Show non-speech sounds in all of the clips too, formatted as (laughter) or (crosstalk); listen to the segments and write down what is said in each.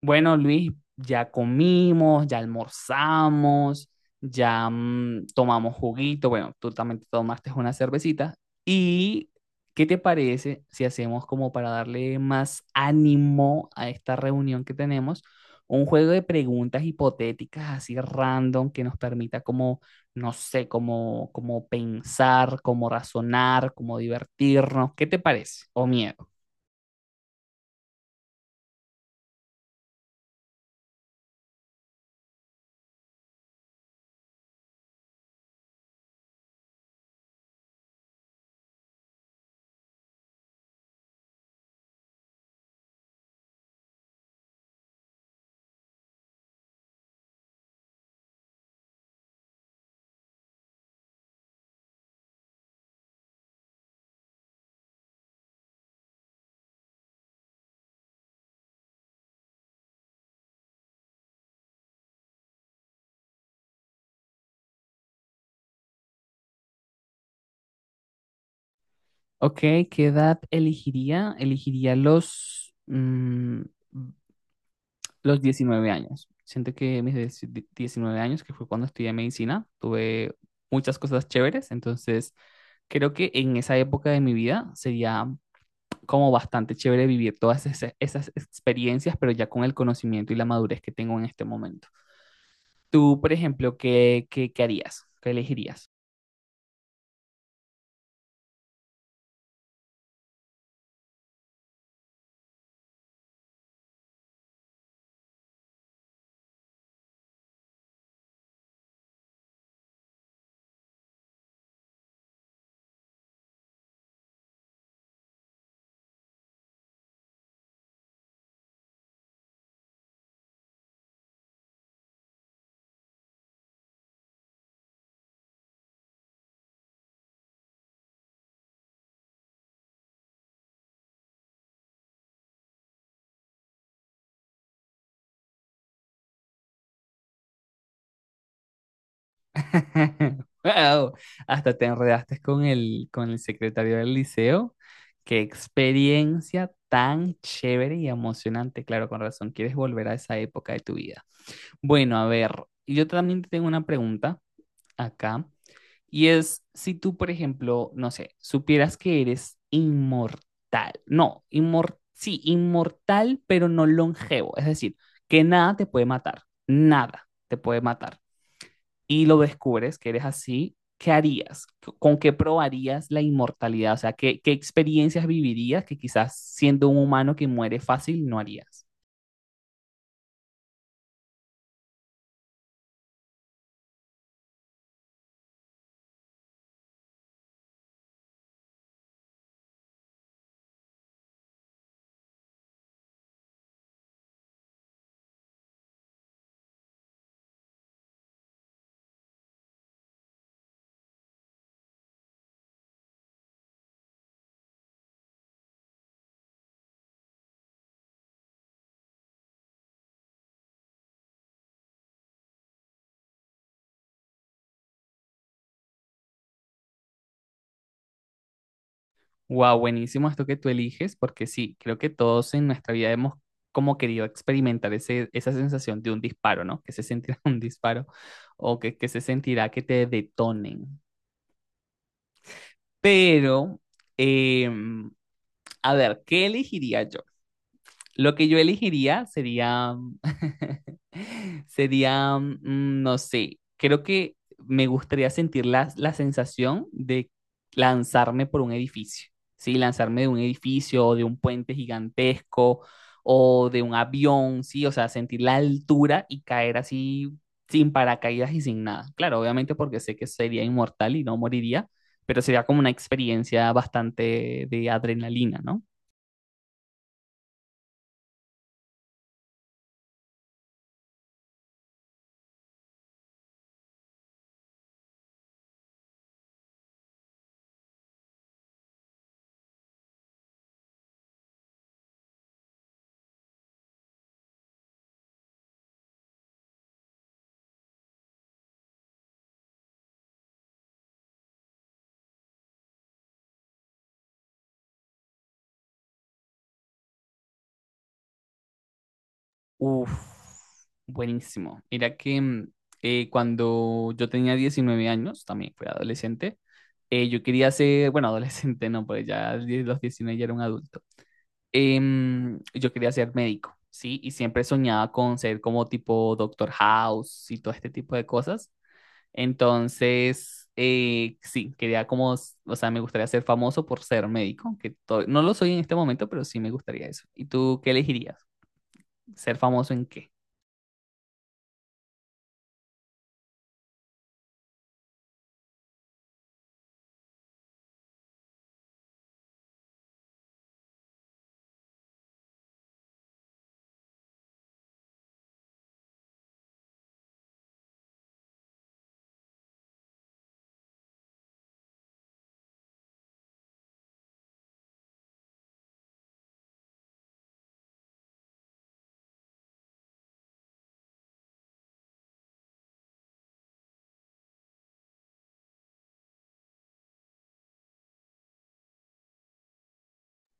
Bueno, Luis, ya comimos, ya almorzamos, ya tomamos juguito. Bueno, tú también te tomaste una cervecita. ¿Y qué te parece si hacemos como para darle más ánimo a esta reunión que tenemos? Un juego de preguntas hipotéticas así random que nos permita como, no sé, como pensar, como razonar, como divertirnos. ¿Qué te parece? ¿O miedo? Ok, ¿qué edad elegiría? Elegiría los 19 años. Siento que mis 19 años, que fue cuando estudié medicina, tuve muchas cosas chéveres, entonces creo que en esa época de mi vida sería como bastante chévere vivir todas esas, esas experiencias, pero ya con el conocimiento y la madurez que tengo en este momento. Tú, por ejemplo, ¿qué harías? ¿Qué elegirías? (laughs) Wow, hasta te enredaste con el secretario del liceo. Qué experiencia tan chévere y emocionante. Claro, con razón, quieres volver a esa época de tu vida. Bueno, a ver, yo también te tengo una pregunta acá y es si tú, por ejemplo, no sé, supieras que eres inmortal. No, inmor sí, inmortal, pero no longevo. Es decir, que nada te puede matar. Nada te puede matar y lo descubres que eres así, ¿qué harías? ¿Con qué probarías la inmortalidad? O sea, ¿qué, qué experiencias vivirías que quizás siendo un humano que muere fácil no harías? Wow, buenísimo esto que tú eliges, porque sí, creo que todos en nuestra vida hemos como querido experimentar ese, esa sensación de un disparo, ¿no? Que se sentirá (laughs) un disparo o que se sentirá que te detonen. Pero, em, a ver, ¿qué elegiría yo? Lo que yo elegiría sería, (laughs) sería, no sé, creo que me gustaría sentir la sensación de lanzarme por un edificio, ¿sí? Lanzarme de un edificio o de un puente gigantesco o de un avión, ¿sí? O sea, sentir la altura y caer así sin paracaídas y sin nada. Claro, obviamente porque sé que sería inmortal y no moriría, pero sería como una experiencia bastante de adrenalina, ¿no? Uf, buenísimo. Mira que cuando yo tenía 19 años, también fui adolescente, yo quería ser, (laughs) bueno, adolescente no, pues ya a los 19 ya era un adulto. Yo quería ser médico, ¿sí? Y siempre soñaba con ser como tipo Doctor House y todo este tipo de cosas. Entonces, sí, quería como, o sea, me gustaría ser famoso por ser médico, que no lo soy en este momento, pero sí me gustaría eso. ¿Y tú qué elegirías? ¿Ser famoso en qué?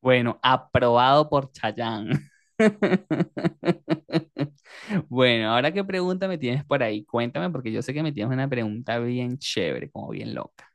Bueno, aprobado por Chayanne. (laughs) Bueno, ahora qué pregunta me tienes por ahí, cuéntame, porque yo sé que me tienes una pregunta bien chévere, como bien loca.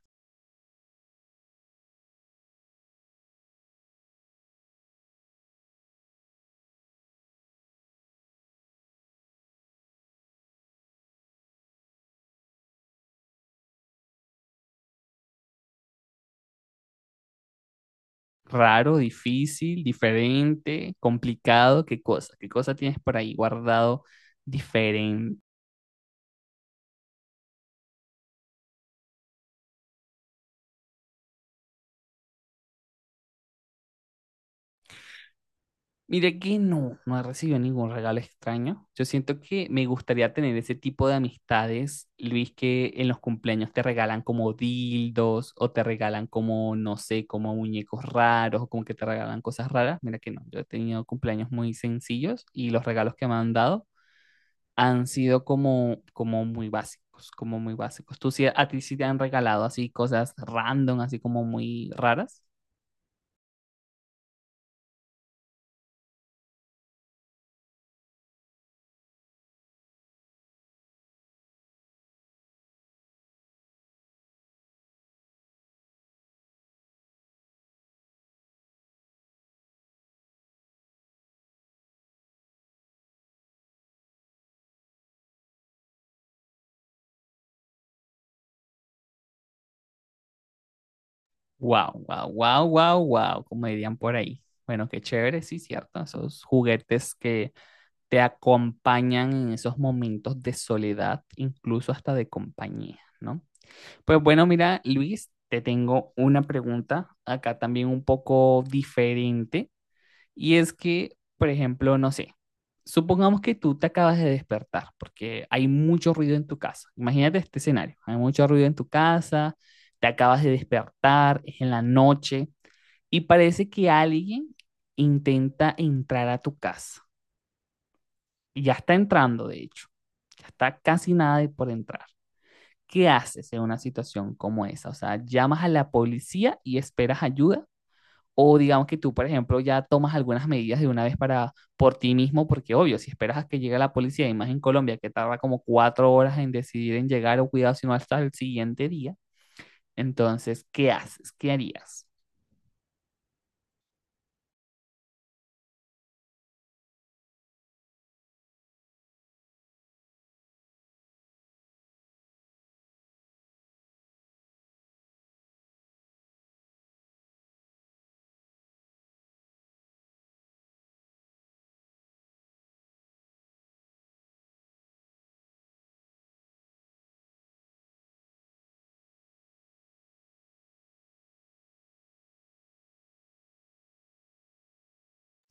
Raro, difícil, diferente, complicado, ¿qué cosa? ¿Qué cosa tienes por ahí guardado diferente? Mire que no, no he recibido ningún regalo extraño. Yo siento que me gustaría tener ese tipo de amistades, Luis, que en los cumpleaños te regalan como dildos o te regalan como, no sé, como muñecos raros o como que te regalan cosas raras. Mira que no, yo he tenido cumpleaños muy sencillos y los regalos que me han dado han sido como, como muy básicos, como muy básicos. ¿Tú sí, a ti sí te han regalado así cosas random, así como muy raras? Wow, wow, wow, wow, wow, como dirían por ahí. Bueno, qué chévere, sí, cierto. Esos juguetes que te acompañan en esos momentos de soledad, incluso hasta de compañía, ¿no? Pues bueno, mira, Luis, te tengo una pregunta acá también un poco diferente. Y es que, por ejemplo, no sé, supongamos que tú te acabas de despertar porque hay mucho ruido en tu casa. Imagínate este escenario, hay mucho ruido en tu casa, te acabas de despertar, es en la noche y parece que alguien intenta entrar a tu casa. Y ya está entrando, de hecho. Ya está casi nada de por entrar. ¿Qué haces en una situación como esa? O sea, llamas a la policía y esperas ayuda o digamos que tú, por ejemplo, ya tomas algunas medidas de una vez para por ti mismo, porque obvio, si esperas a que llegue la policía, y más en Colombia, que tarda como 4 horas en decidir en llegar o cuidado, sino hasta el siguiente día, entonces, ¿qué haces? ¿Qué harías?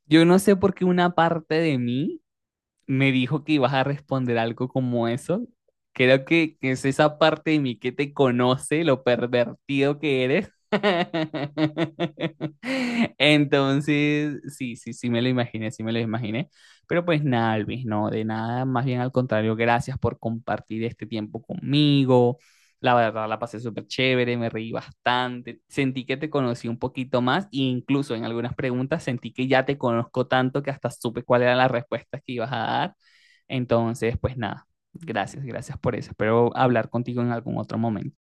Yo no sé por qué una parte de mí me dijo que ibas a responder algo como eso. Creo que es esa parte de mí que te conoce, lo pervertido que eres. (laughs) Entonces, sí, sí, sí me lo imaginé, sí me lo imaginé. Pero pues nada, Luis, no, de nada, más bien al contrario, gracias por compartir este tiempo conmigo. La verdad, la pasé súper chévere, me reí bastante, sentí que te conocí un poquito más e incluso en algunas preguntas sentí que ya te conozco tanto que hasta supe cuáles eran las respuestas que ibas a dar. Entonces, pues nada, gracias, gracias por eso. Espero hablar contigo en algún otro momento.